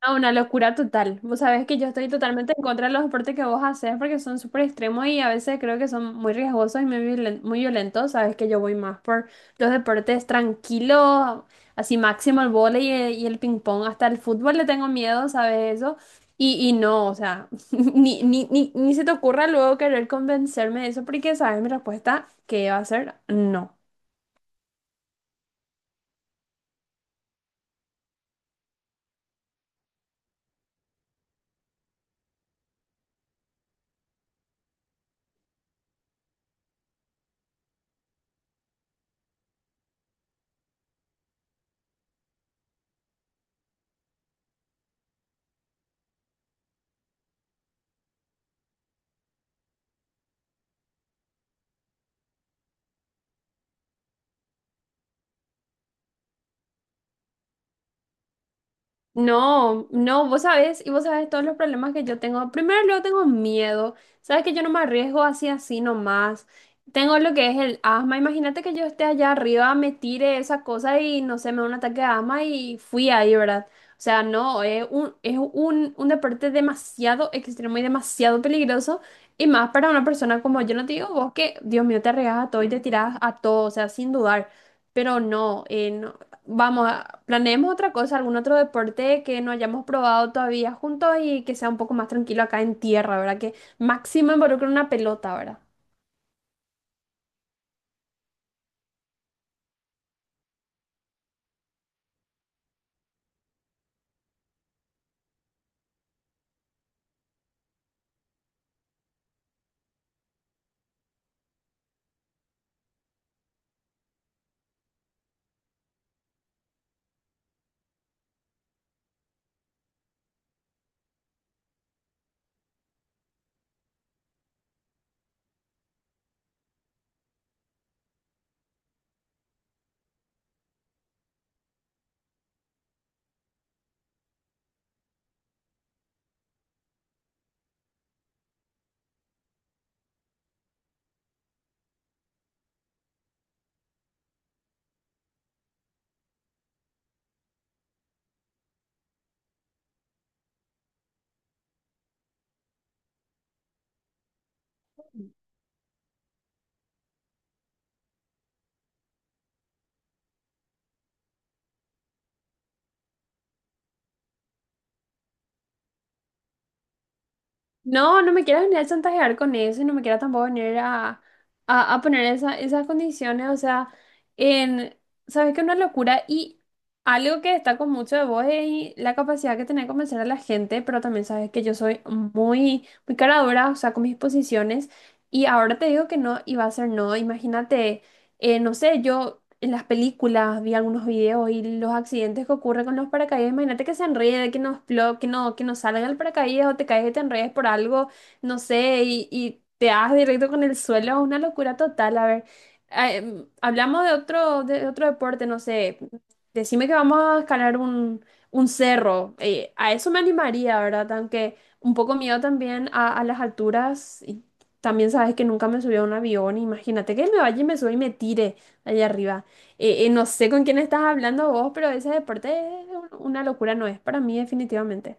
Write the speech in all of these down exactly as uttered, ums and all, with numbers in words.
Ah, una locura total. Vos sabés que yo estoy totalmente en contra de los deportes que vos haces porque son súper extremos y a veces creo que son muy riesgosos y muy violen- muy violentos. Sabes que yo voy más por los deportes tranquilos, así máximo el vóley y el, y el ping pong. Hasta el fútbol le tengo miedo, ¿sabes eso? Y, y no, o sea, ni, ni, ni, ni se te ocurra luego querer convencerme de eso porque, ¿sabes? Mi respuesta que va a ser no. No, no, vos sabés, y vos sabés todos los problemas que yo tengo. Primero, luego tengo miedo. Sabes que yo no me arriesgo así, así nomás. Tengo lo que es el asma. Imagínate que yo esté allá arriba, me tire esa cosa y no sé, me da un ataque de asma y fui ahí, ¿verdad? O sea, no, es un, es un, un deporte demasiado extremo y demasiado peligroso. Y más para una persona como yo, no te digo vos que, Dios mío, te arriesgas a todo y te tiras a todo, o sea, sin dudar. Pero no, eh, no. Vamos. Planeemos otra cosa, algún otro deporte que no hayamos probado todavía juntos y que sea un poco más tranquilo acá en tierra, ¿verdad? Que máximo involucre una pelota, ¿verdad? No, no me quieras venir a chantajear con eso y no me quieras tampoco venir a, a, a poner esa- esas condiciones, o sea, en, sabes que es una locura y algo que destaco mucho de vos es la capacidad que tenés de convencer a la gente, pero también sabes que yo soy muy, muy cara dura, o sea, con mis posiciones y ahora te digo que no y va a ser no, imagínate. eh, no sé, yo en las películas vi algunos videos y los accidentes que ocurren con los paracaídas, imagínate que se enrede, que no explo- que no, que no salga el paracaídas o te caes y te enredes por algo, no sé, y, y te das directo con el suelo, es una locura total, a ver. ah, em, hablamos de otro, de otro deporte, no sé, decime que vamos a escalar un, un cerro, eh, a eso me animaría, ¿verdad? Aunque un poco miedo también a, a las alturas, también sabes que nunca me subí a un avión, imagínate que me vaya y me suba y me tire allá arriba. Eh, eh, no sé con quién estás hablando vos, pero ese deporte es un- una locura, no es para mí definitivamente.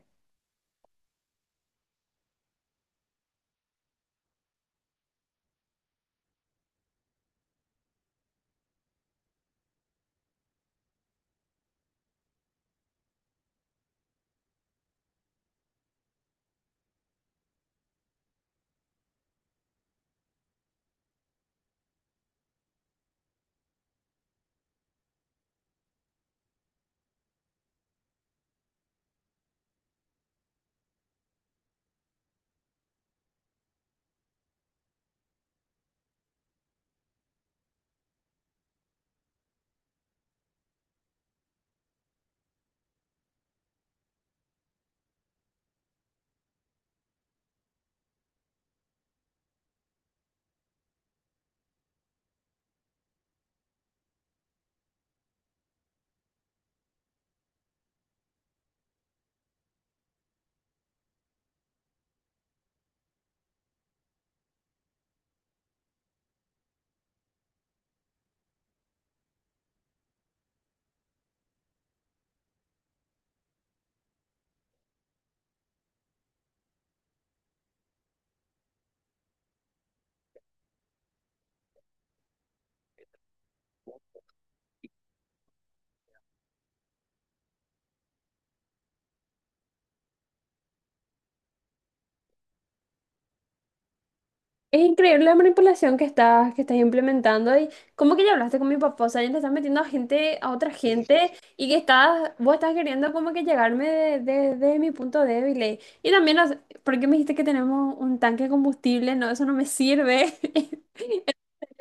Es increíble la manipulación que estás, que estás implementando y como que ya hablaste con mi papá, o sea, ya te estás metiendo a gente, a otra gente y que estás, vos estás queriendo como que llegarme de, de- de mi punto débil. eh. Y también, as- ¿por qué me dijiste que tenemos un tanque de combustible? No, eso no me sirve.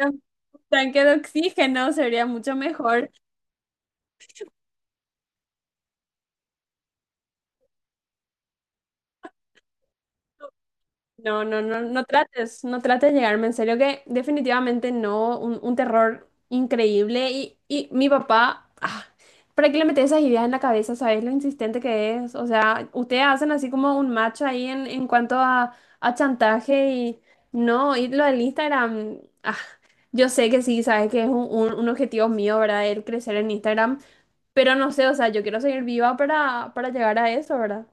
Un tanque de oxígeno sería mucho mejor. No, no, no, no trates, no trates de llegarme en serio, que definitivamente no, un, un terror increíble. Y, y mi papá, ah, ¿para qué le metes esas ideas en la cabeza? ¿Sabes lo insistente que es? O sea, ustedes hacen así como un match ahí en, en cuanto a, a chantaje y no, y lo del Instagram, ah, yo sé que sí, sabes que es un, un- un objetivo mío, ¿verdad? El crecer en Instagram, pero no sé, o sea, yo quiero seguir viva para, para llegar a eso, ¿verdad?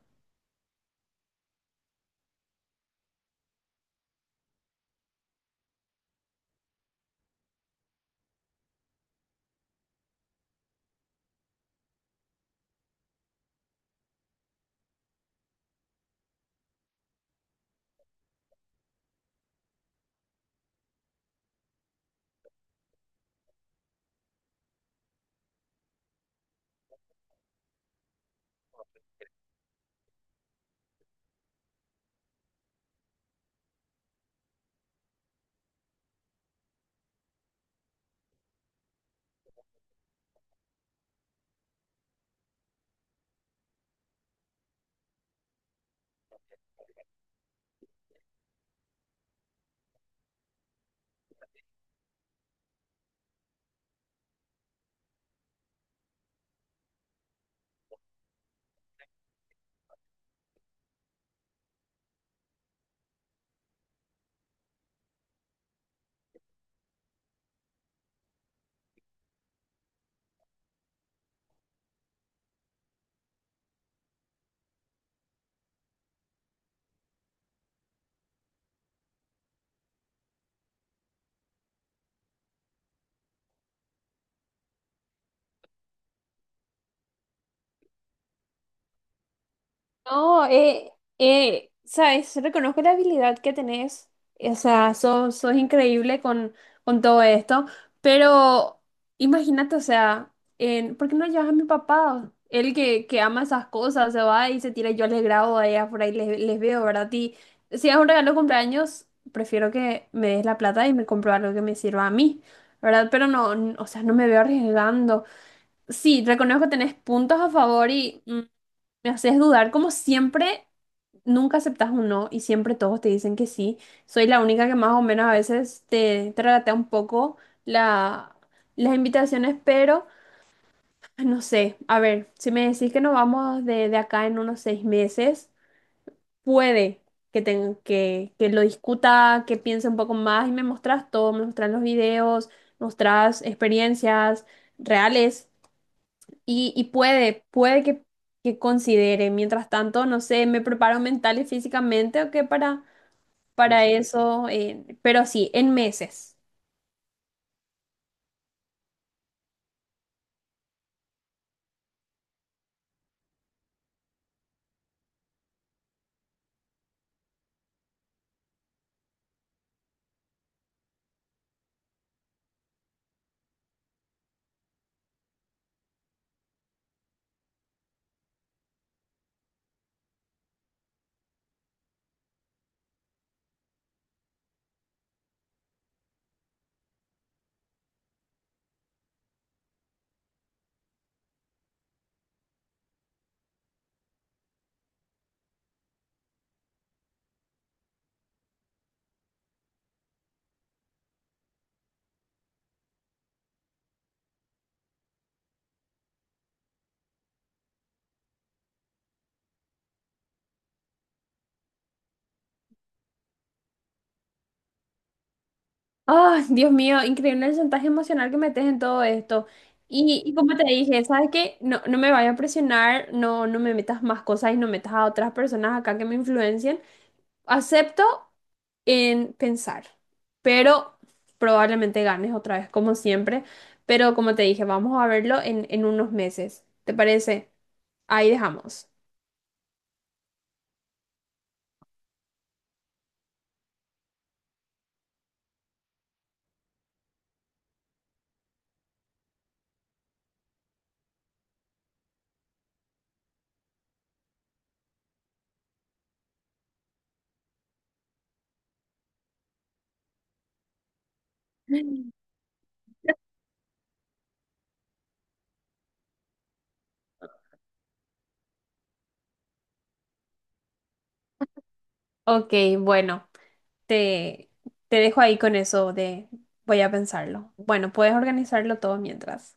No, eh, eh, sabes, reconozco la habilidad que tenés, eh, o sea, sos, sos increíble con, con todo esto, pero imagínate, o sea, en, ¿por qué no llevas a mi papá? Él que, que ama esas cosas, se va y se tira, yo les grabo allá por ahí, les, les veo, ¿verdad? Y si es un regalo de cumpleaños, prefiero que me des la plata y me compro algo que me sirva a mí, ¿verdad? Pero no, n- o sea, no me veo arriesgando. Sí, reconozco que tenés puntos a favor y... mm, me haces dudar, como siempre, nunca aceptas un no y siempre todos te dicen que sí. Soy la única que más o menos a veces te tragatea un poco la, las invitaciones, pero no sé, a ver, si me decís que nos vamos de, de acá en unos seis meses, puede que, tenga, que, que lo discuta, que piense un poco más y me mostrás todo, me mostrás los videos, mostrás experiencias reales. Y, y puede, puede que, que considere. Mientras tanto, no sé, me preparo mental y físicamente o qué para, para eso. eh, pero sí, en meses. Ah, Dios mío, increíble el chantaje emocional que metes en todo esto. Y, y como te dije, ¿sabes qué? No, no me vayas a presionar, no, no me metas más cosas y no metas a otras personas acá que me influencien. Acepto en pensar, pero probablemente ganes otra vez, como siempre. Pero como te dije, vamos a verlo en, en unos meses. ¿Te parece? Ahí dejamos. Mm. Ok, bueno, te, te dejo ahí con eso de voy a pensarlo. Bueno, puedes organizarlo todo mientras.